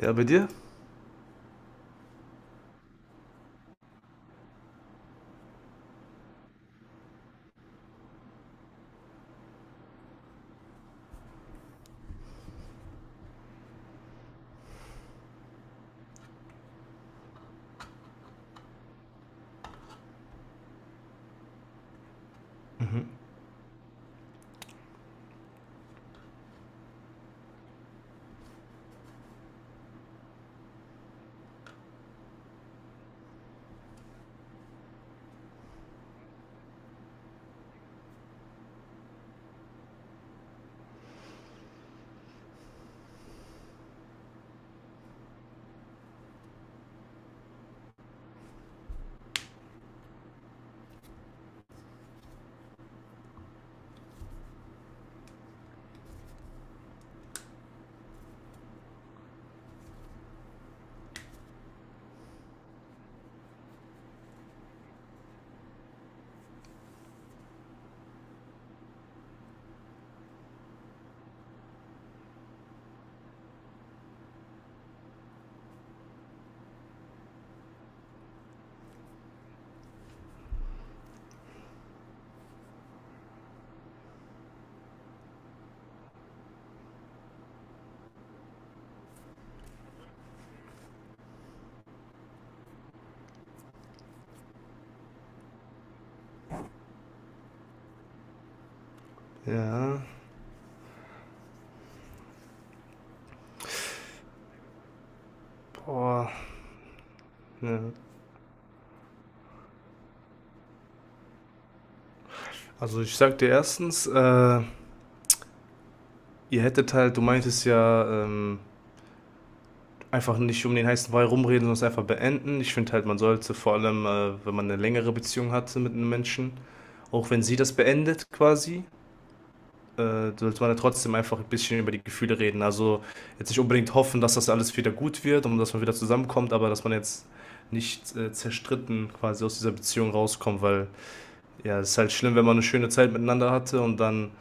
Ja, bei dir? Mhm. Ja. Boah. Ja. Also ich sag dir erstens, ihr hättet halt, du meintest ja, einfach nicht um den heißen Brei rumreden, sondern es einfach beenden. Ich finde halt, man sollte vor allem, wenn man eine längere Beziehung hatte mit einem Menschen, auch wenn sie das beendet quasi, sollte man ja trotzdem einfach ein bisschen über die Gefühle reden. Also jetzt nicht unbedingt hoffen, dass das alles wieder gut wird und dass man wieder zusammenkommt, aber dass man jetzt nicht zerstritten quasi aus dieser Beziehung rauskommt, weil ja, es ist halt schlimm, wenn man eine schöne Zeit miteinander hatte und dann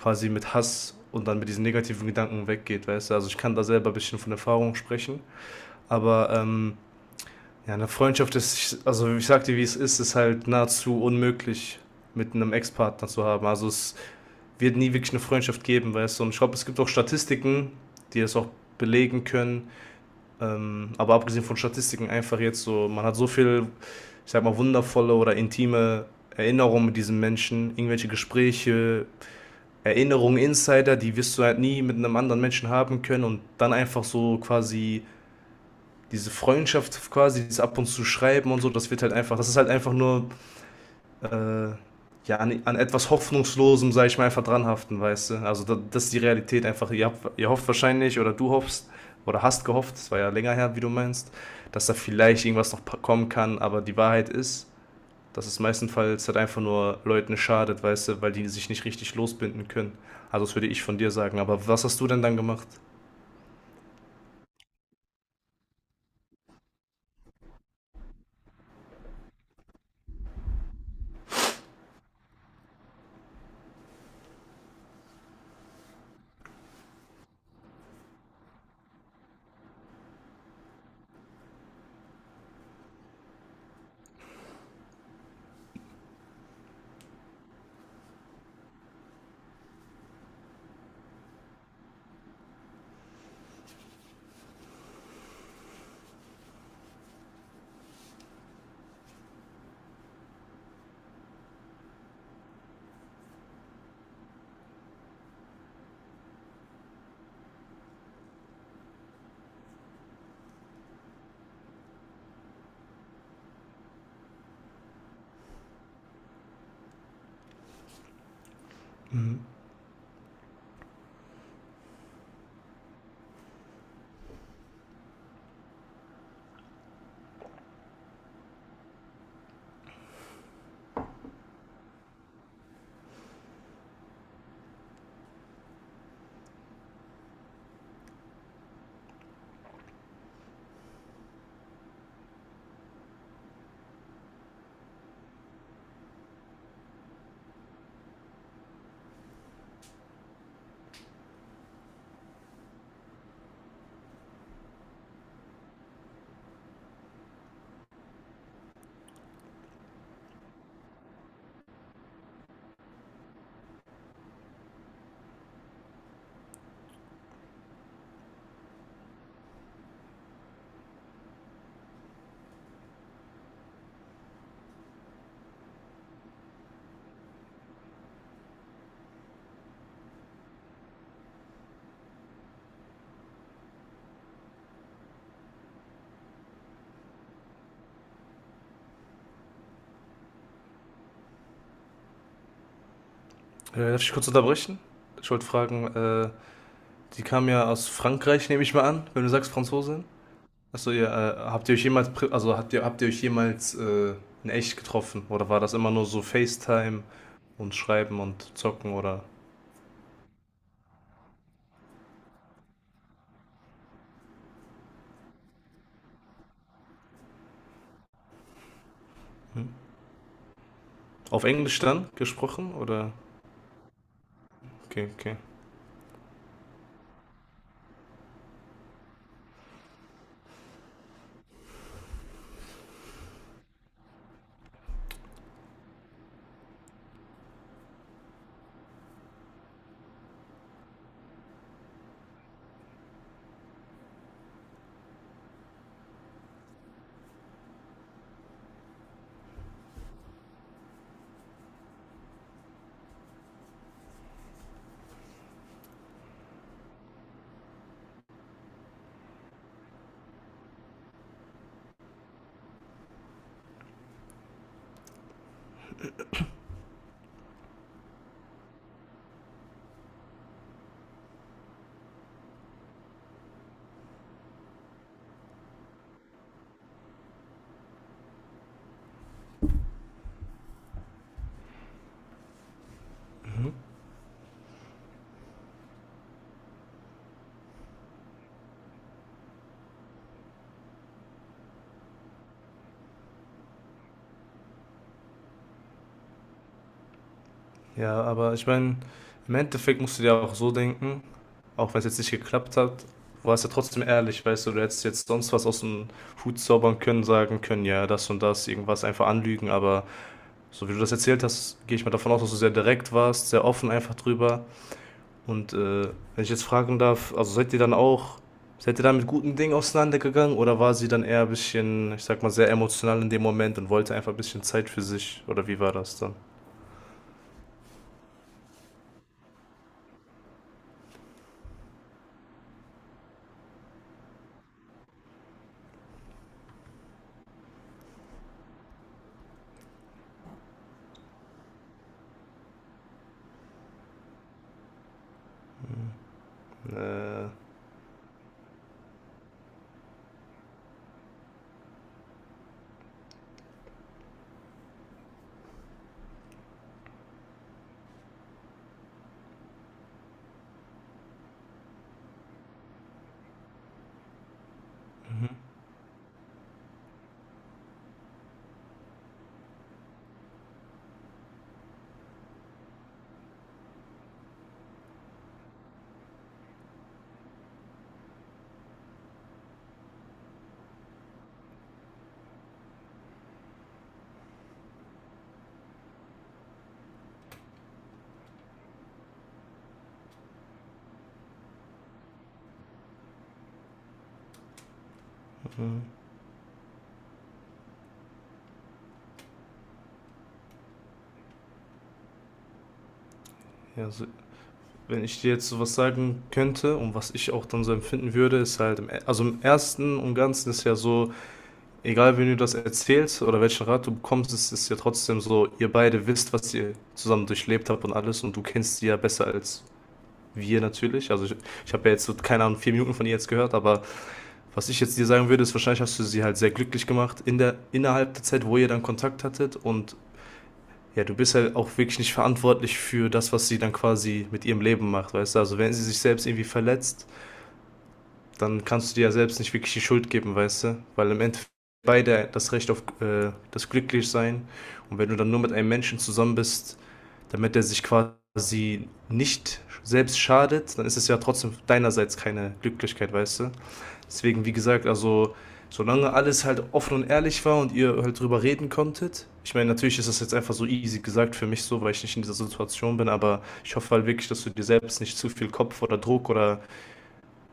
quasi mit Hass und dann mit diesen negativen Gedanken weggeht, weißt du? Also ich kann da selber ein bisschen von Erfahrung sprechen, aber ja, eine Freundschaft ist, also ich sag dir, wie es ist, ist halt nahezu unmöglich mit einem Ex-Partner zu haben. Also es wird nie wirklich eine Freundschaft geben, weißt du? Und ich glaube, es gibt auch Statistiken, die das auch belegen können. Aber abgesehen von Statistiken einfach jetzt so, man hat so viel, ich sag mal, wundervolle oder intime Erinnerungen mit diesem Menschen, irgendwelche Gespräche, Erinnerungen, Insider, die wirst du halt nie mit einem anderen Menschen haben können und dann einfach so quasi diese Freundschaft quasi, dieses ab und zu schreiben und so, das wird halt einfach, das ist halt einfach nur äh, ja, an, an etwas Hoffnungslosem, sag ich mal, einfach dranhaften, weißt du? Also da, das ist die Realität einfach. Ihr habt, ihr hofft wahrscheinlich oder du hoffst oder hast gehofft, es war ja länger her, wie du meinst, dass da vielleicht irgendwas noch kommen kann, aber die Wahrheit ist, dass es meistenfalls halt einfach nur Leuten schadet, weißt du, weil die sich nicht richtig losbinden können. Also das würde ich von dir sagen. Aber was hast du denn dann gemacht? Mhm. Darf ich kurz unterbrechen? Ich wollte fragen, die kam ja aus Frankreich, nehme ich mal an, wenn du sagst Franzosin. Achso, ihr, habt ihr euch jemals, also habt ihr euch jemals in echt getroffen? Oder war das immer nur so FaceTime und Schreiben und Zocken oder? Hm? Auf Englisch dann gesprochen? Oder? Okay, okay. Ja, aber ich meine, im Endeffekt musst du dir auch so denken, auch wenn es jetzt nicht geklappt hat, war es ja trotzdem ehrlich, weißt du, du hättest jetzt sonst was aus dem Hut zaubern können, sagen können, ja, das und das, irgendwas einfach anlügen, aber so wie du das erzählt hast, gehe ich mal davon aus, dass du sehr direkt warst, sehr offen einfach drüber. Und wenn ich jetzt fragen darf, also seid ihr dann auch, seid ihr dann mit guten Dingen auseinandergegangen oder war sie dann eher ein bisschen, ich sag mal, sehr emotional in dem Moment und wollte einfach ein bisschen Zeit für sich oder wie war das dann? Äh, mhm, mhm. Ja, also, wenn ich dir jetzt sowas sagen könnte und was ich auch dann so empfinden würde, ist halt, also im Ersten und Ganzen ist ja so, egal wen du das erzählst oder welchen Rat du bekommst, es ist ja trotzdem so, ihr beide wisst, was ihr zusammen durchlebt habt und alles und du kennst sie ja besser als wir natürlich. Ich habe ja jetzt so, keine Ahnung, 4 Minuten von ihr jetzt gehört, aber was ich jetzt dir sagen würde, ist wahrscheinlich hast du sie halt sehr glücklich gemacht in der, innerhalb der Zeit, wo ihr dann Kontakt hattet und ja, du bist halt auch wirklich nicht verantwortlich für das, was sie dann quasi mit ihrem Leben macht, weißt du? Also wenn sie sich selbst irgendwie verletzt, dann kannst du dir ja selbst nicht wirklich die Schuld geben, weißt du? Weil im Endeffekt beide das Recht auf das Glücklichsein, und wenn du dann nur mit einem Menschen zusammen bist, damit er sich quasi nicht selbst schadet, dann ist es ja trotzdem deinerseits keine Glücklichkeit, weißt du? Deswegen, wie gesagt, also solange alles halt offen und ehrlich war und ihr halt drüber reden konntet. Ich meine, natürlich ist das jetzt einfach so easy gesagt für mich so, weil ich nicht in dieser Situation bin, aber ich hoffe halt wirklich, dass du dir selbst nicht zu viel Kopf oder Druck oder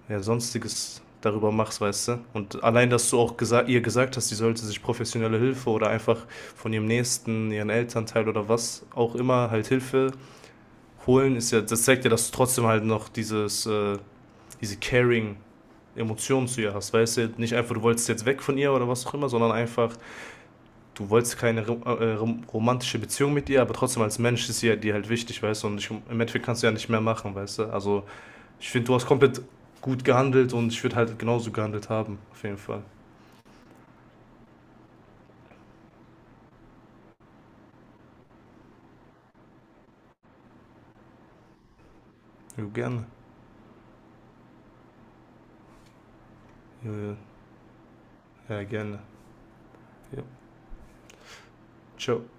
ja, sonstiges darüber machst, weißt du? Und allein, dass du auch gesa ihr gesagt hast, sie sollte sich professionelle Hilfe oder einfach von ihrem Nächsten, ihren Elternteil oder was auch immer halt Hilfe holen, ist ja, das zeigt ja, dass du trotzdem halt noch dieses, diese Caring Emotionen zu ihr hast. Weißt du, nicht einfach, du wolltest jetzt weg von ihr oder was auch immer, sondern einfach, du wolltest keine romantische Beziehung mit ihr, aber trotzdem als Mensch ist sie ja dir halt wichtig, weißt du, und ich, im Endeffekt kannst du ja nicht mehr machen, weißt du. Also, ich finde, du hast komplett gut gehandelt und ich würde halt genauso gehandelt haben, auf jeden Fall. Jo, gerne. Jo. Ja, gerne. Ja. Ciao.